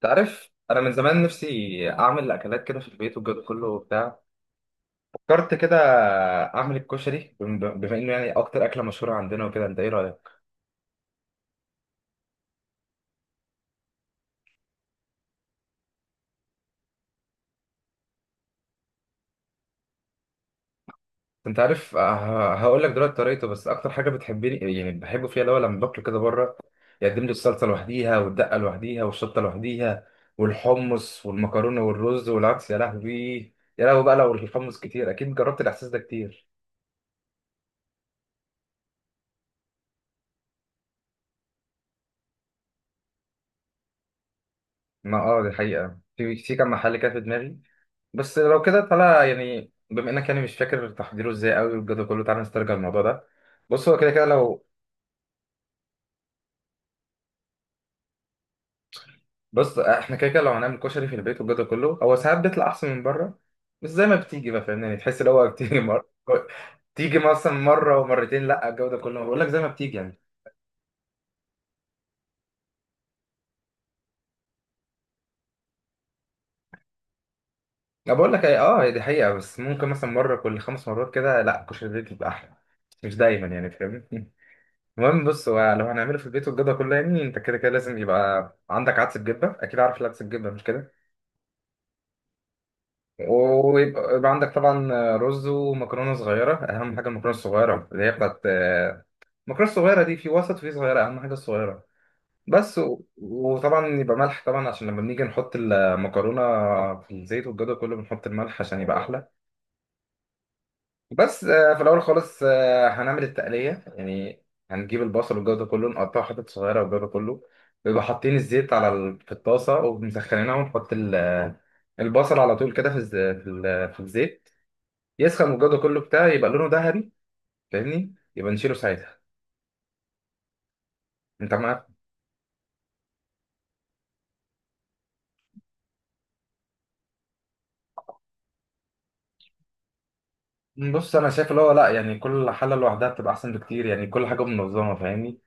تعرف، انا من زمان نفسي اعمل اكلات كده في البيت والجو ده كله وبتاع. فكرت كده اعمل الكشري، بما انه يعني اكتر اكله مشهوره عندنا وكده. انت ايه رايك؟ انت عارف، هقول لك دلوقتي طريقته. بس اكتر حاجه بتحبني يعني بحبه فيها اللي هو لما باكله كده بره يقدم لي الصلصه لوحديها والدقه لوحديها والشطه لوحديها والحمص والمكرونه والرز والعدس. يا لهوي، يا لهوي بقى لو الحمص كتير، اكيد جربت الاحساس ده كتير. ما اه، دي حقيقه، في كام محل كده في دماغي. بس لو كده تعالى، يعني بما انك يعني مش فاكر تحضيره ازاي قوي والجدول كله، تعالى نسترجع الموضوع ده. بص، هو كده كده لو. بص احنا كده كده لو هنعمل كشري في البيت والجدول كله، هو ساعات بيطلع احسن من بره. بس زي ما بتيجي بقى، فاهمني، يعني تحس ان هو بتيجي مره. تيجي مثلا مره ومرتين، لا الجوده كله، بقول لك زي ما بتيجي يعني. انا بقول لك ايه، اه، هي دي حقيقه، بس ممكن مثلا مره كل خمس مرات كده لا كشري البيت بيبقى احلى. مش دايما يعني، فاهمني. المهم، بص، هو لو هنعمله في البيت والجدول كله، يعني انت كده كده لازم يبقى عندك عدس بجبه. اكيد عارف العدس بجبه، مش كده؟ ويبقى يبقى عندك طبعا رز ومكرونه صغيره. اهم حاجه المكرونه الصغيره اللي هي بتاعت. المكرونه الصغيره دي في وسط وفي صغيره، اهم حاجه الصغيره. بس وطبعا يبقى ملح طبعا، عشان لما بنيجي نحط المكرونه في الزيت والجو ده كله بنحط الملح عشان يبقى احلى. بس في الاول خالص، هنعمل التقليه يعني. هنجيب البصل والجو ده كله نقطعه حتت صغيره والجو ده كله. بيبقى حاطين الزيت على في الطاسه ومسخنينها، ونحط البصل على طول كده في الزيت. يسخن والجو ده كله بتاع يبقى لونه ذهبي، فاهمني؟ يبقى نشيله ساعتها. انت معاك؟ بص، انا شايف اللي هو لا، يعني كل حاله لوحدها بتبقى احسن بكتير، يعني كل حاجه منظمه، فاهمني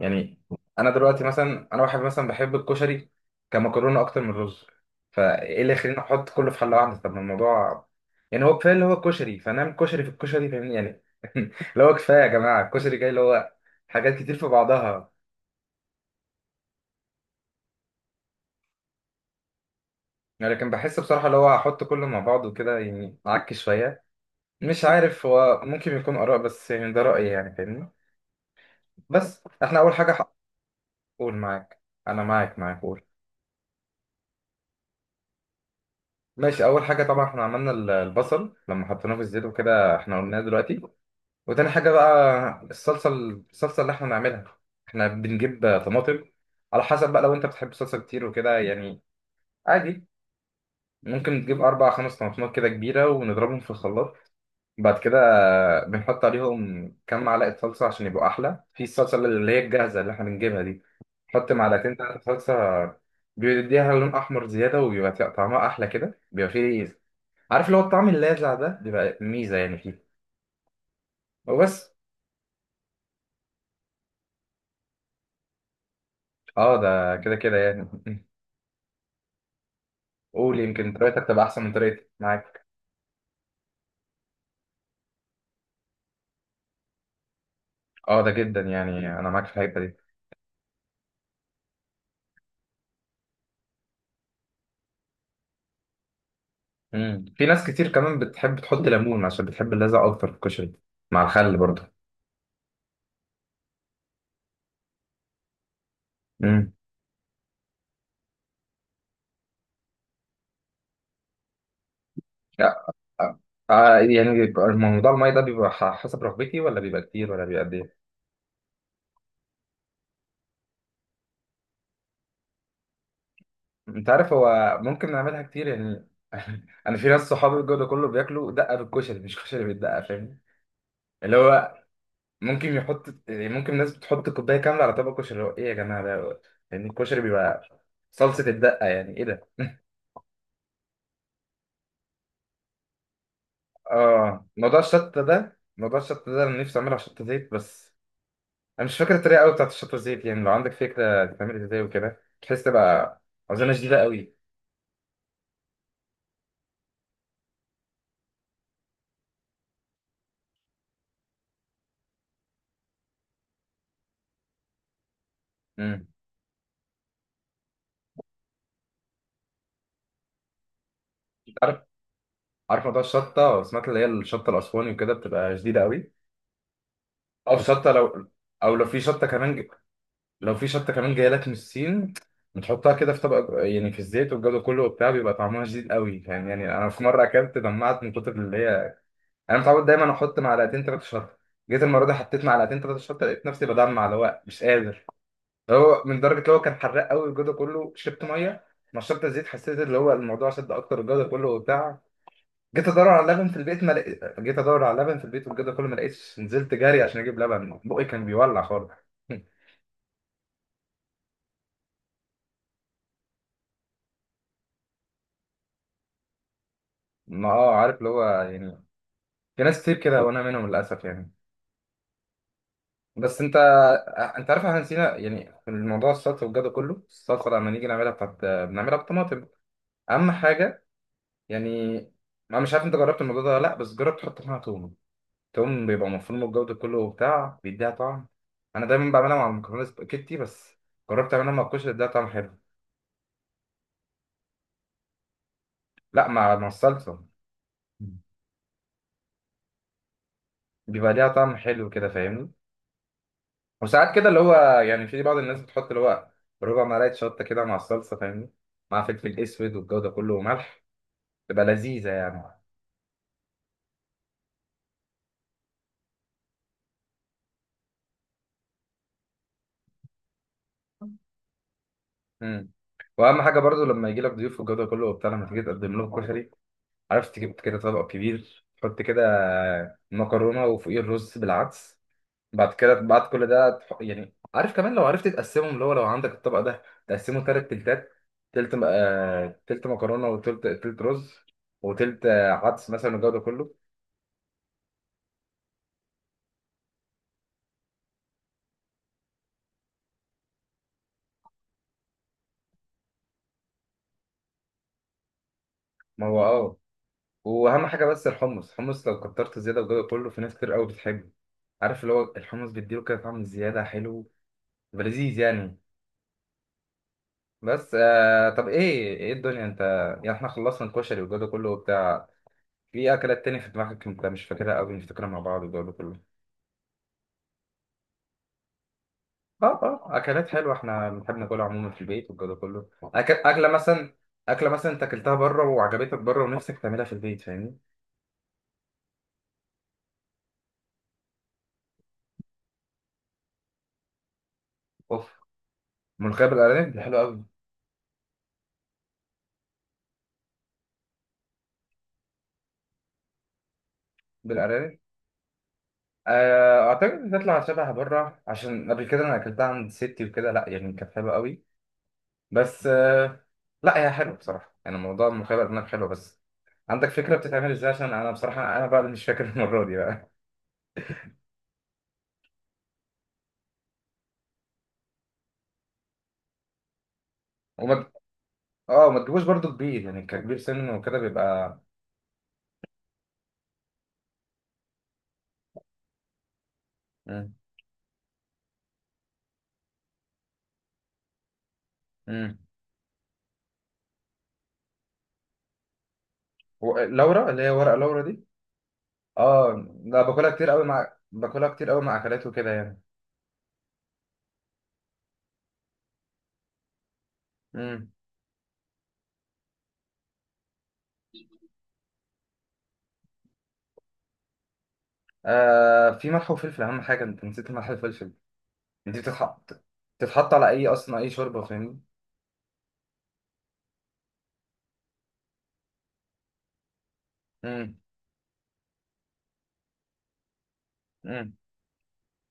يعني. انا دلوقتي مثلا، انا واحد مثلا بحب الكشري كمكرونه اكتر من الرز. فايه اللي يخليني احط كله في حله واحده؟ طب ما الموضوع يعني هو كفايه اللي هو كشري، فنعمل كشري في الكشري، فاهمني يعني. اللي هو كفايه يا جماعه، الكشري جاي اللي هو حاجات كتير في بعضها. يعني لكن بحس بصراحه اللي هو احط كله مع بعض وكده يعني اعك شويه. مش عارف، هو ممكن يكون آراء، بس يعني ده رأيي يعني، فاهمني. بس احنا أول حاجة قول معاك. أنا معاك قول. ماشي، أول حاجة طبعا احنا عملنا البصل لما حطيناه في الزيت وكده، احنا قلناه دلوقتي. وتاني حاجة بقى الصلصة اللي احنا نعملها، احنا بنجيب طماطم. على حسب بقى، لو انت بتحب صلصة كتير وكده يعني، عادي ممكن تجيب أربع خمس طماطمات كده كبيرة، ونضربهم في الخلاط. بعد كده بنحط عليهم كام معلقة صلصة عشان يبقوا أحلى، في الصلصة اللي هي الجاهزة اللي احنا بنجيبها دي، نحط معلقتين تلاتة صلصة. بيديها لون أحمر زيادة، وبيبقى طعمها أحلى كده، بيبقى فيه، عارف، اللي هو الطعم اللاذع ده بيبقى ميزة يعني فيه. وبس. اه ده كده كده يعني. قول، يمكن طريقتك تبقى أحسن من طريقتي، معاك. اه ده جدا يعني، أنا معاك في الحتة دي. مم. في ناس كتير كمان بتحب تحط ليمون عشان بتحب اللاذع أكتر في الكشري، مع الخل برضه. آه، آه، يعني بيبقى الموضوع المية ده بيبقى حسب رغبتي، ولا بيبقى كتير، ولا بيبقى قد ايه؟ انت عارف، هو ممكن نعملها كتير يعني. انا في ناس صحابي الجو ده كله بياكلوا دقه بالكشري، مش كشري بالدقه، فاهم؟ اللي هو ممكن يحط يعني، ممكن ناس بتحط كوبايه كامله على طبق كشري، اللي هو ايه يا جماعه ده؟ يعني الكشري بيبقى صلصه الدقه، يعني ايه ده؟ اه، موضوع الشطه ده، موضوع الشطه ده انا نفسي اعملها شطه زيت بس. انا مش فاكر الطريقه قوي بتاعت الشطه زيت، يعني لو عندك فكره تتعمل ازاي وكده، بحيث تبقى عزومه شديده قوي. امم عارف، عارف موضوع الشطه، سمعت اللي هي الشطه الاسواني وكده بتبقى شديده قوي. او شطه لو او لو في شطه كمان ج... لو في شطه كمان جايه لك من الصين، بتحطها كده في طبق يعني في الزيت والجو ده كله وبتاع، بيبقى طعمها شديد قوي، فاهم يعني. انا في مره اكلت دمعت من كتر اللي هي. انا متعود دايما احط معلقتين ثلاثه شطه، جيت المره دي حطيت معلقتين ثلاثه شطه لقيت نفسي بدمع، اللي هو مش قادر. هو من درجه اللي هو كان حراق قوي الجو ده كله، شربت ميه، نشرت الزيت، حسيت اللي هو الموضوع شد اكتر الجو ده كله وبتاع. جيت ادور على لبن في البيت والجو ده كله ما لقيتش، نزلت جري عشان اجيب لبن بقي كان بيولع خالص. ما اه، عارف اللي هو يعني في ناس كتير كده وانا منهم للاسف يعني. بس انت عارف، احنا نسينا يعني في الموضوع السلطه والجو ده كله. السلطه لما نيجي نعملها بتاعت، بنعملها بالطماطم، اهم حاجه يعني. انا مش عارف انت جربت الموضوع ده ولا لا، بس جرب تحط معاها توم. توم بيبقى مفروم الجودة كله وبتاع، بيديها طعم. أنا دايما بعملها مع المكرونة سباكيتي بس، جربت أعملها مع الكشري اديها طعم حلو. لا، مع الصلصة. مم. بيبقى ليها طعم حلو كده، فاهمني. وساعات كده اللي هو يعني في بعض الناس بتحط اللي هو ربع ملعقة شطة كده مع الصلصة، فاهمني، مع فلفل أسود والجودة كله وملح، تبقى لذيذة يعني. مم. واهم حاجه برضو لما يجي لك ضيوف والجو ده كله وبتاع، لما تيجي تقدم لهم كشري، عرفت تجيب كده طبق كبير، تحط كده مكرونه وفوقيه الرز بالعدس. بعد كده، بعد كل ده يعني، عارف كمان لو عرفت تقسمهم، اللي هو لو عندك الطبق ده تقسمه تلات تلتات، تلت مكرونة وتلت تلت رز وتلت عدس مثلا والجو ده كله. ما هو اه. وأهم حاجة بس الحمص لو كترت زيادة والجو ده كله، في ناس كتير قوي بتحبه. عارف، اللي هو الحمص بيديله كده طعم زيادة حلو ولذيذ يعني. بس طب، ايه الدنيا انت؟ يعني احنا خلصنا الكشري والجو ده كله وبتاع، في اكلات تاني في دماغك انت مش فاكرها قوي، نفتكرها مع بعض والجو ده كله. اه اه، اكلات حلوه احنا بنحب ناكلها عموما في البيت والجو ده كله. اكله مثلا. اكله مثلا انت اكلتها بره وعجبتك بره ونفسك تعملها في البيت، فاهمني. اوف، ملوخيه بالارانب دي حلوه قوي. بالارانب، اعتقد بتطلع شبه بره عشان قبل كده انا اكلتها عند ستي وكده، لا يعني كانت حلوه قوي بس. لا هي حلوه بصراحه، يعني موضوع الملوخيه بالارانب حلو. بس عندك فكره بتتعمل ازاي، عشان انا بصراحه انا بقى اللي مش فاكر المره دي بقى. وما اه ما تجيبوش برضو كبير، يعني ككبير سن وكده بيبقى. مم. مم. لورا، اللي هي ورقة لورا دي. اه، لا باكلها كتير قوي مع اكلات وكده يعني. امم في ملح وفلفل، اهم حاجة. انت نسيت الملح والفلفل، دي بتتحط على اي، اصلا اي شوربة، فاهمني. امم امم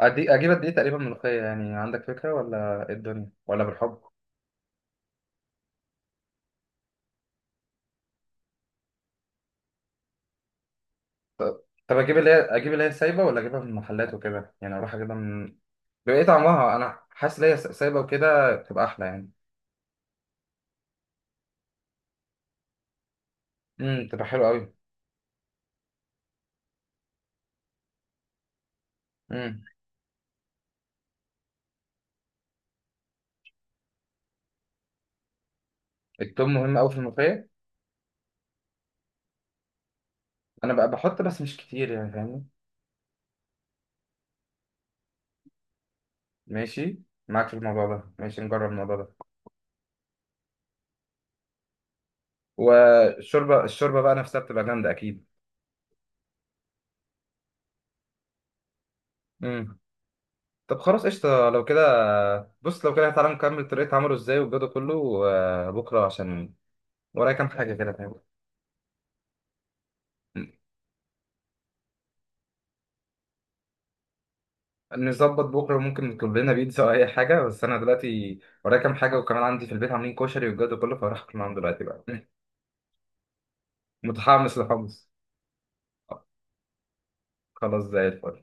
اجيب قد ايه تقريبا ملوخية يعني، عندك فكرة ولا إيه الدنيا ولا بالحب؟ طب اجيب اللي هي سايبة ولا اجيبها من المحلات وكده يعني، اروح اجيبها من. بيبقى ايه طعمها؟ انا حاسس ان هي سايبة وكده بتبقى احلى يعني. بتبقى حلوة قوي. امم التوم مهم قوي في الملوخية. انا بقى بحط بس مش كتير يعني، فاهمني. ماشي، معاك في الموضوع ده، ماشي نجرب الموضوع ده. والشوربه، الشوربه بقى نفسها بتبقى جامده اكيد. امم طب خلاص قشطه لو كده. بص لو كده، تعالى نكمل طريقه عمله ازاي والجو ده كله بكره، عشان ورايا كام حاجه كده، فاهم. نظبط بكره، ممكن نطلب لنا بيتزا او اي حاجه، بس انا دلوقتي ورايا كام حاجه، وكمان عندي في البيت عاملين كشري والجو ده كله فراح اكل معاهم دلوقتي بقى. متحمس لحمص. خلاص زي الفل.